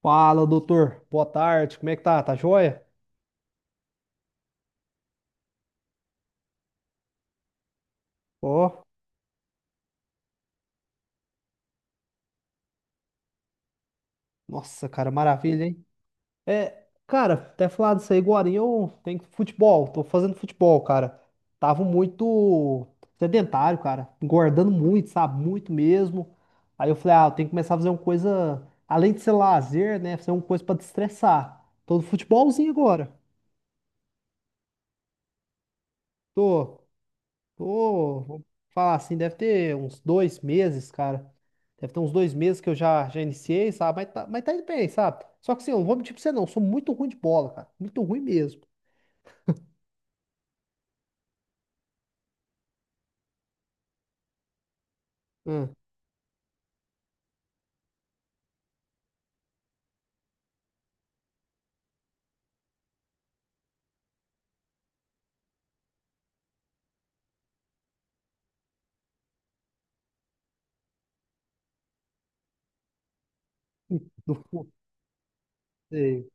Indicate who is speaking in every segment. Speaker 1: Fala, doutor. Boa tarde. Como é que tá? Tá joia? Ó, nossa, cara, maravilha, hein? É, cara, até falar disso aí agora, eu tenho futebol, tô fazendo futebol, cara. Tava muito sedentário, cara, engordando muito, sabe? Muito mesmo. Aí eu falei, ah, eu tenho que começar a fazer uma coisa, além de ser lazer, né? Fazer uma coisa pra destressar. Tô no futebolzinho agora. Tô. Pô, vou falar assim, deve ter uns 2 meses, cara. Deve ter uns dois meses que eu já iniciei, sabe? Mas tá indo bem, sabe? Só que assim, eu não vou mentir pra você não, eu sou muito ruim de bola, cara. Muito ruim mesmo. Hum, sei.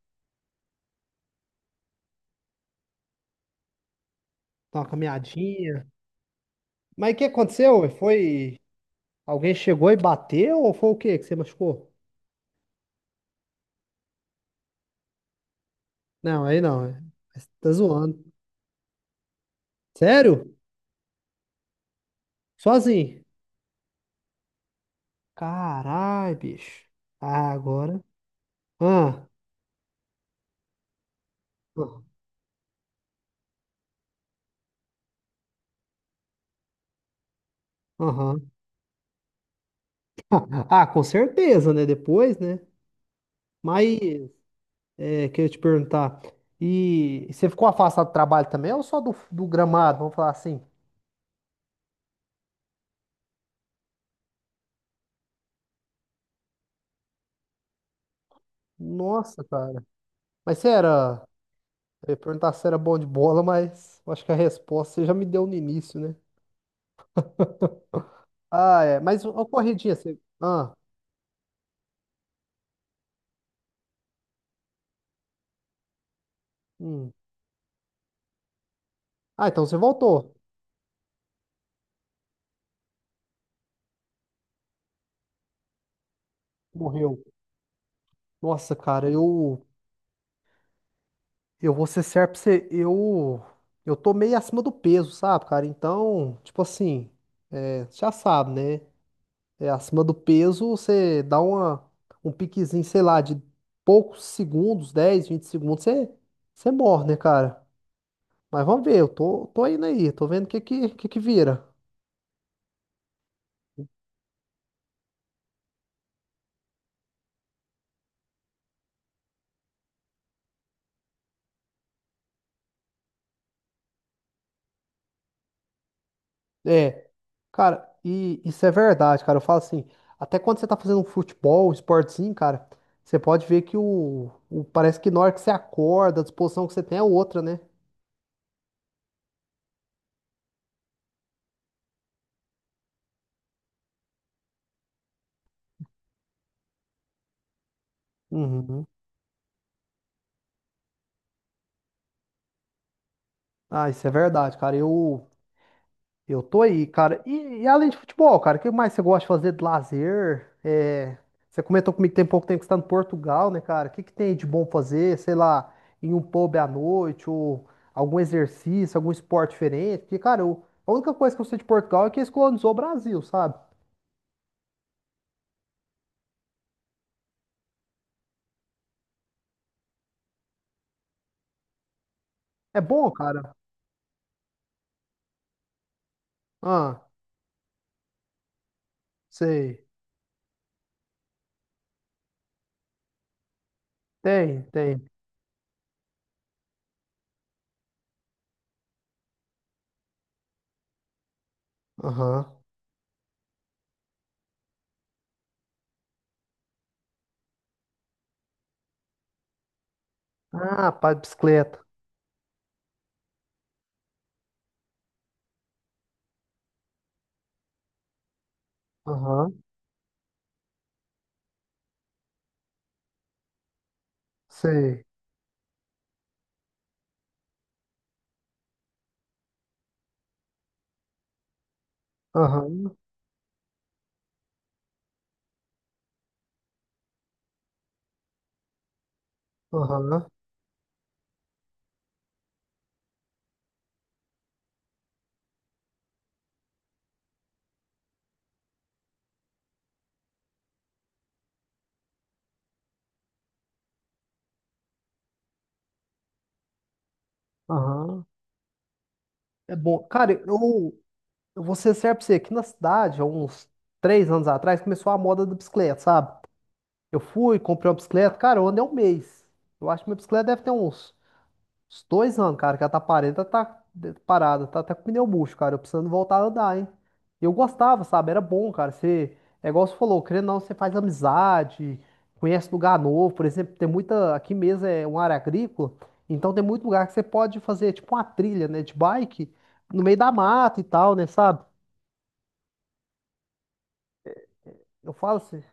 Speaker 1: Tá uma caminhadinha. Mas o que aconteceu? Ué? Foi. Alguém chegou e bateu ou foi o quê que você machucou? Não, aí não. Você tá zoando. Sério? Sozinho? Caralho, bicho. Ah, agora. Ah, ah, aham. Ah, com certeza, né? Depois, né? Mas é, queria te perguntar, e você ficou afastado do trabalho também ou só do, do gramado? Vamos falar assim. Nossa, cara. Mas você era. Eu ia perguntar se era bom de bola, mas eu acho que a resposta você já me deu no início, né? Ah, é. Mas uma corridinha, você. Ah, hum. Ah, então você voltou. Morreu. Nossa, cara, eu. Eu vou ser certo pra você. Eu. Eu tô meio acima do peso, sabe, cara? Então, tipo assim, é, já sabe, né? É, acima do peso, você dá uma, um piquezinho, sei lá, de poucos segundos, 10 20 segundos, você, você morre, né, cara? Mas vamos ver, eu tô, tô indo aí, tô vendo o que que vira. É, cara, e isso é verdade, cara. Eu falo assim, até quando você tá fazendo um futebol, um esportezinho, cara, você pode ver que parece que na hora que você acorda, a disposição que você tem é outra, né? Uhum. Ah, isso é verdade, cara. Eu tô aí, cara. E além de futebol, cara, o que mais você gosta de fazer de lazer? É, você comentou comigo que tem pouco tempo que você tá em Portugal, né, cara? O que que tem aí de bom fazer? Sei lá, em um pub à noite ou algum exercício, algum esporte diferente? Porque, cara, a única coisa que eu sei de Portugal é que eles colonizou o Brasil, sabe? É bom, cara? Ah, sei. Tem, tem. Aham. Ah, pá, de bicicleta. Aham, sei. Aham, aham, aham. É bom. Cara, eu vou ser sincero pra você, aqui na cidade, há uns 3 anos atrás, começou a moda da bicicleta, sabe? Eu fui, comprei uma bicicleta, cara, eu andei 1 mês. Eu acho que minha bicicleta deve ter uns 2 anos, cara, que ela tá parada, parada, tá até com pneu murcho, cara, eu precisando voltar a andar, hein? Eu gostava, sabe? Era bom, cara, você, é igual você falou, querendo ou não, você faz amizade, conhece lugar novo, por exemplo, tem muita, aqui mesmo é uma área agrícola, então tem muito lugar que você pode fazer, tipo, uma trilha, né, de bike, no meio da mata e tal, né, sabe? Eu falo assim.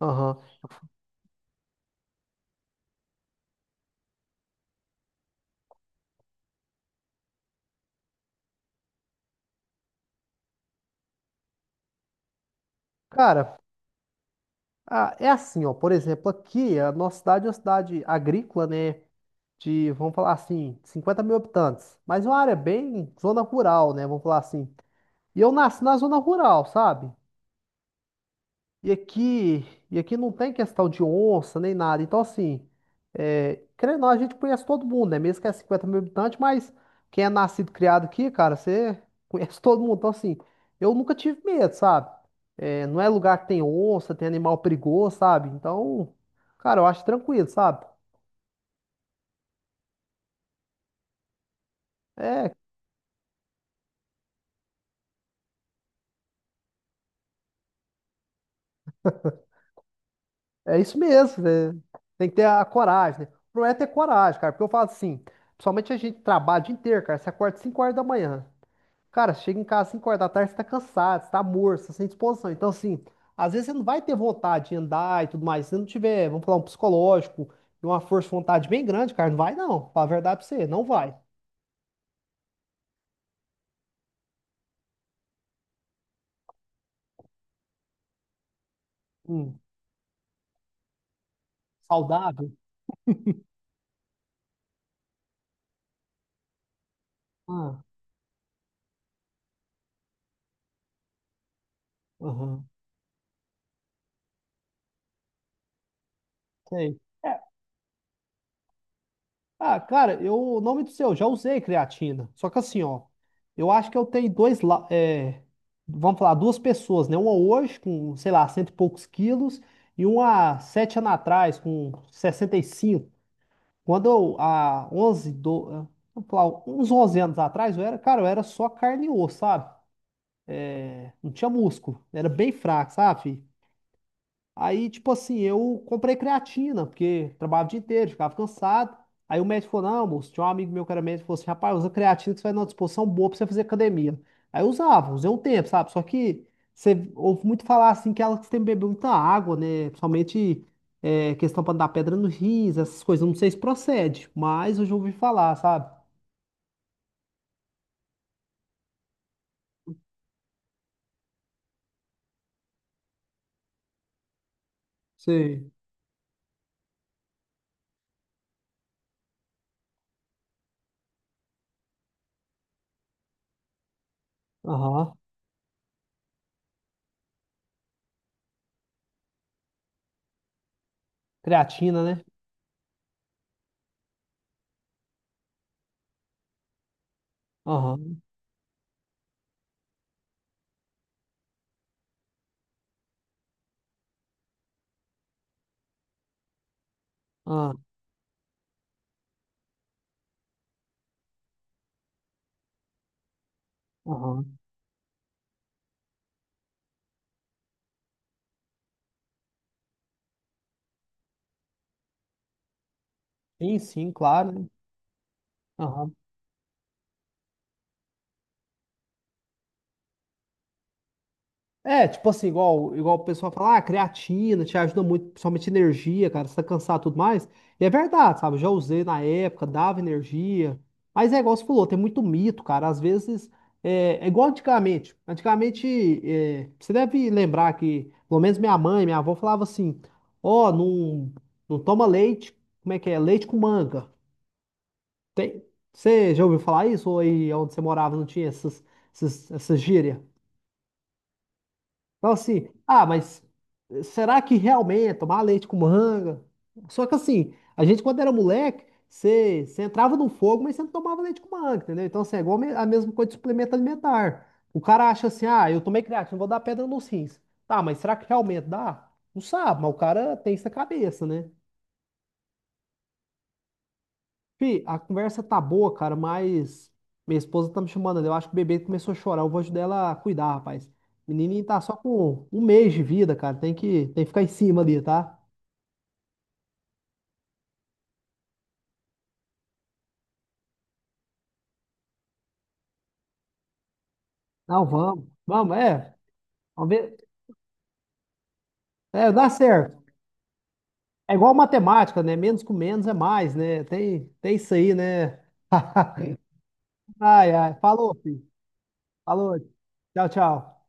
Speaker 1: Aham. Cara, ah, é assim, ó. Por exemplo, aqui, a nossa cidade é uma cidade agrícola, né? De, vamos falar assim, 50 mil habitantes. Mas é uma área bem zona rural, né? Vamos falar assim. E eu nasci na zona rural, sabe? E aqui, e aqui não tem questão de onça nem nada. Então, assim, é, querendo ou não, a gente conhece todo mundo, né? Mesmo que é 50 mil habitantes, mas quem é nascido e criado aqui, cara, você conhece todo mundo. Então, assim, eu nunca tive medo, sabe? É, não é lugar que tem onça, tem animal perigoso, sabe? Então, cara, eu acho tranquilo, sabe? É, é isso mesmo, né? Tem que ter a coragem, né? O problema é ter coragem, cara, porque eu falo assim, principalmente a gente trabalha o dia inteiro, cara, você acorda 5 horas da manhã. Cara, chega em casa às 5 horas da tarde, você tá cansado, você tá morto, você tá sem disposição. Então, assim, às vezes você não vai ter vontade de andar e tudo mais. Se você não tiver, vamos falar, um psicológico e uma força de vontade bem grande, cara, não vai não. Fala a verdade pra você, não vai. Hum, saudável? Ah, aham, sei. É, ah, cara, eu, o nome do seu, já usei creatina. Só que assim, ó, eu acho que eu tenho dois, é, vamos falar, duas pessoas, né? Uma hoje com, sei lá, 100 e poucos quilos e uma 7 anos atrás com 65. Quando eu, há 11 do, ah, vamos falar, uns 11 anos atrás, eu era, cara, eu era só carne e osso, sabe? Não tinha músculo, era bem fraco, sabe? Filho? Aí, tipo assim, eu comprei creatina, porque trabalhava o dia inteiro, ficava cansado. Aí o médico falou, não, moço, tinha um amigo meu que era médico, falou assim, rapaz, usa creatina que você vai numa disposição boa pra você fazer academia. Aí eu usava, usei um tempo, sabe? Só que você ouve muito falar, assim, que ela tem que beber muita água, né? Principalmente é, questão pra não dar pedra no rins, essas coisas. Eu Não sei se procede, mas eu já ouvi falar, sabe? Sei. Aham. Creatina, né? Aham. Aham. Aham. Sim, sim, claro, né? Aham. É, tipo assim, igual, igual o pessoal fala, ah, creatina te ajuda muito, principalmente energia, cara, você tá cansado e tudo mais. E é verdade, sabe? Eu Já usei na época, dava energia. Mas é igual você falou, tem muito mito, cara. Às vezes, é, é igual antigamente. Antigamente, é, você deve lembrar que, pelo menos minha mãe, minha avó falava assim: ó, não, não toma leite, como é que é? Leite com manga. Você já ouviu falar isso? Ou aí onde você morava não tinha essas, essas gírias? Então, assim, ah, mas será que realmente é tomar leite com manga? Só que, assim, a gente, quando era moleque, você entrava no fogo, mas você não tomava leite com manga, entendeu? Então, assim, é igual a mesma coisa de suplemento alimentar. O cara acha assim, ah, eu tomei creatina, vou dar pedra nos rins. Tá, mas será que realmente dá? Não sabe, mas o cara tem isso na cabeça, né? Fih, a conversa tá boa, cara, mas minha esposa tá me chamando ali. Eu acho que o bebê começou a chorar. Eu vou ajudar ela a cuidar, rapaz. O menininho tá só com 1 mês de vida, cara. Tem que ficar em cima ali, tá? Não, vamos. Vamos, é. Vamos ver. É, dá certo. É igual matemática, né? Menos com menos é mais, né? Tem, tem isso aí, né? Ai, ai. Falou, filho. Falou. Tchau, tchau.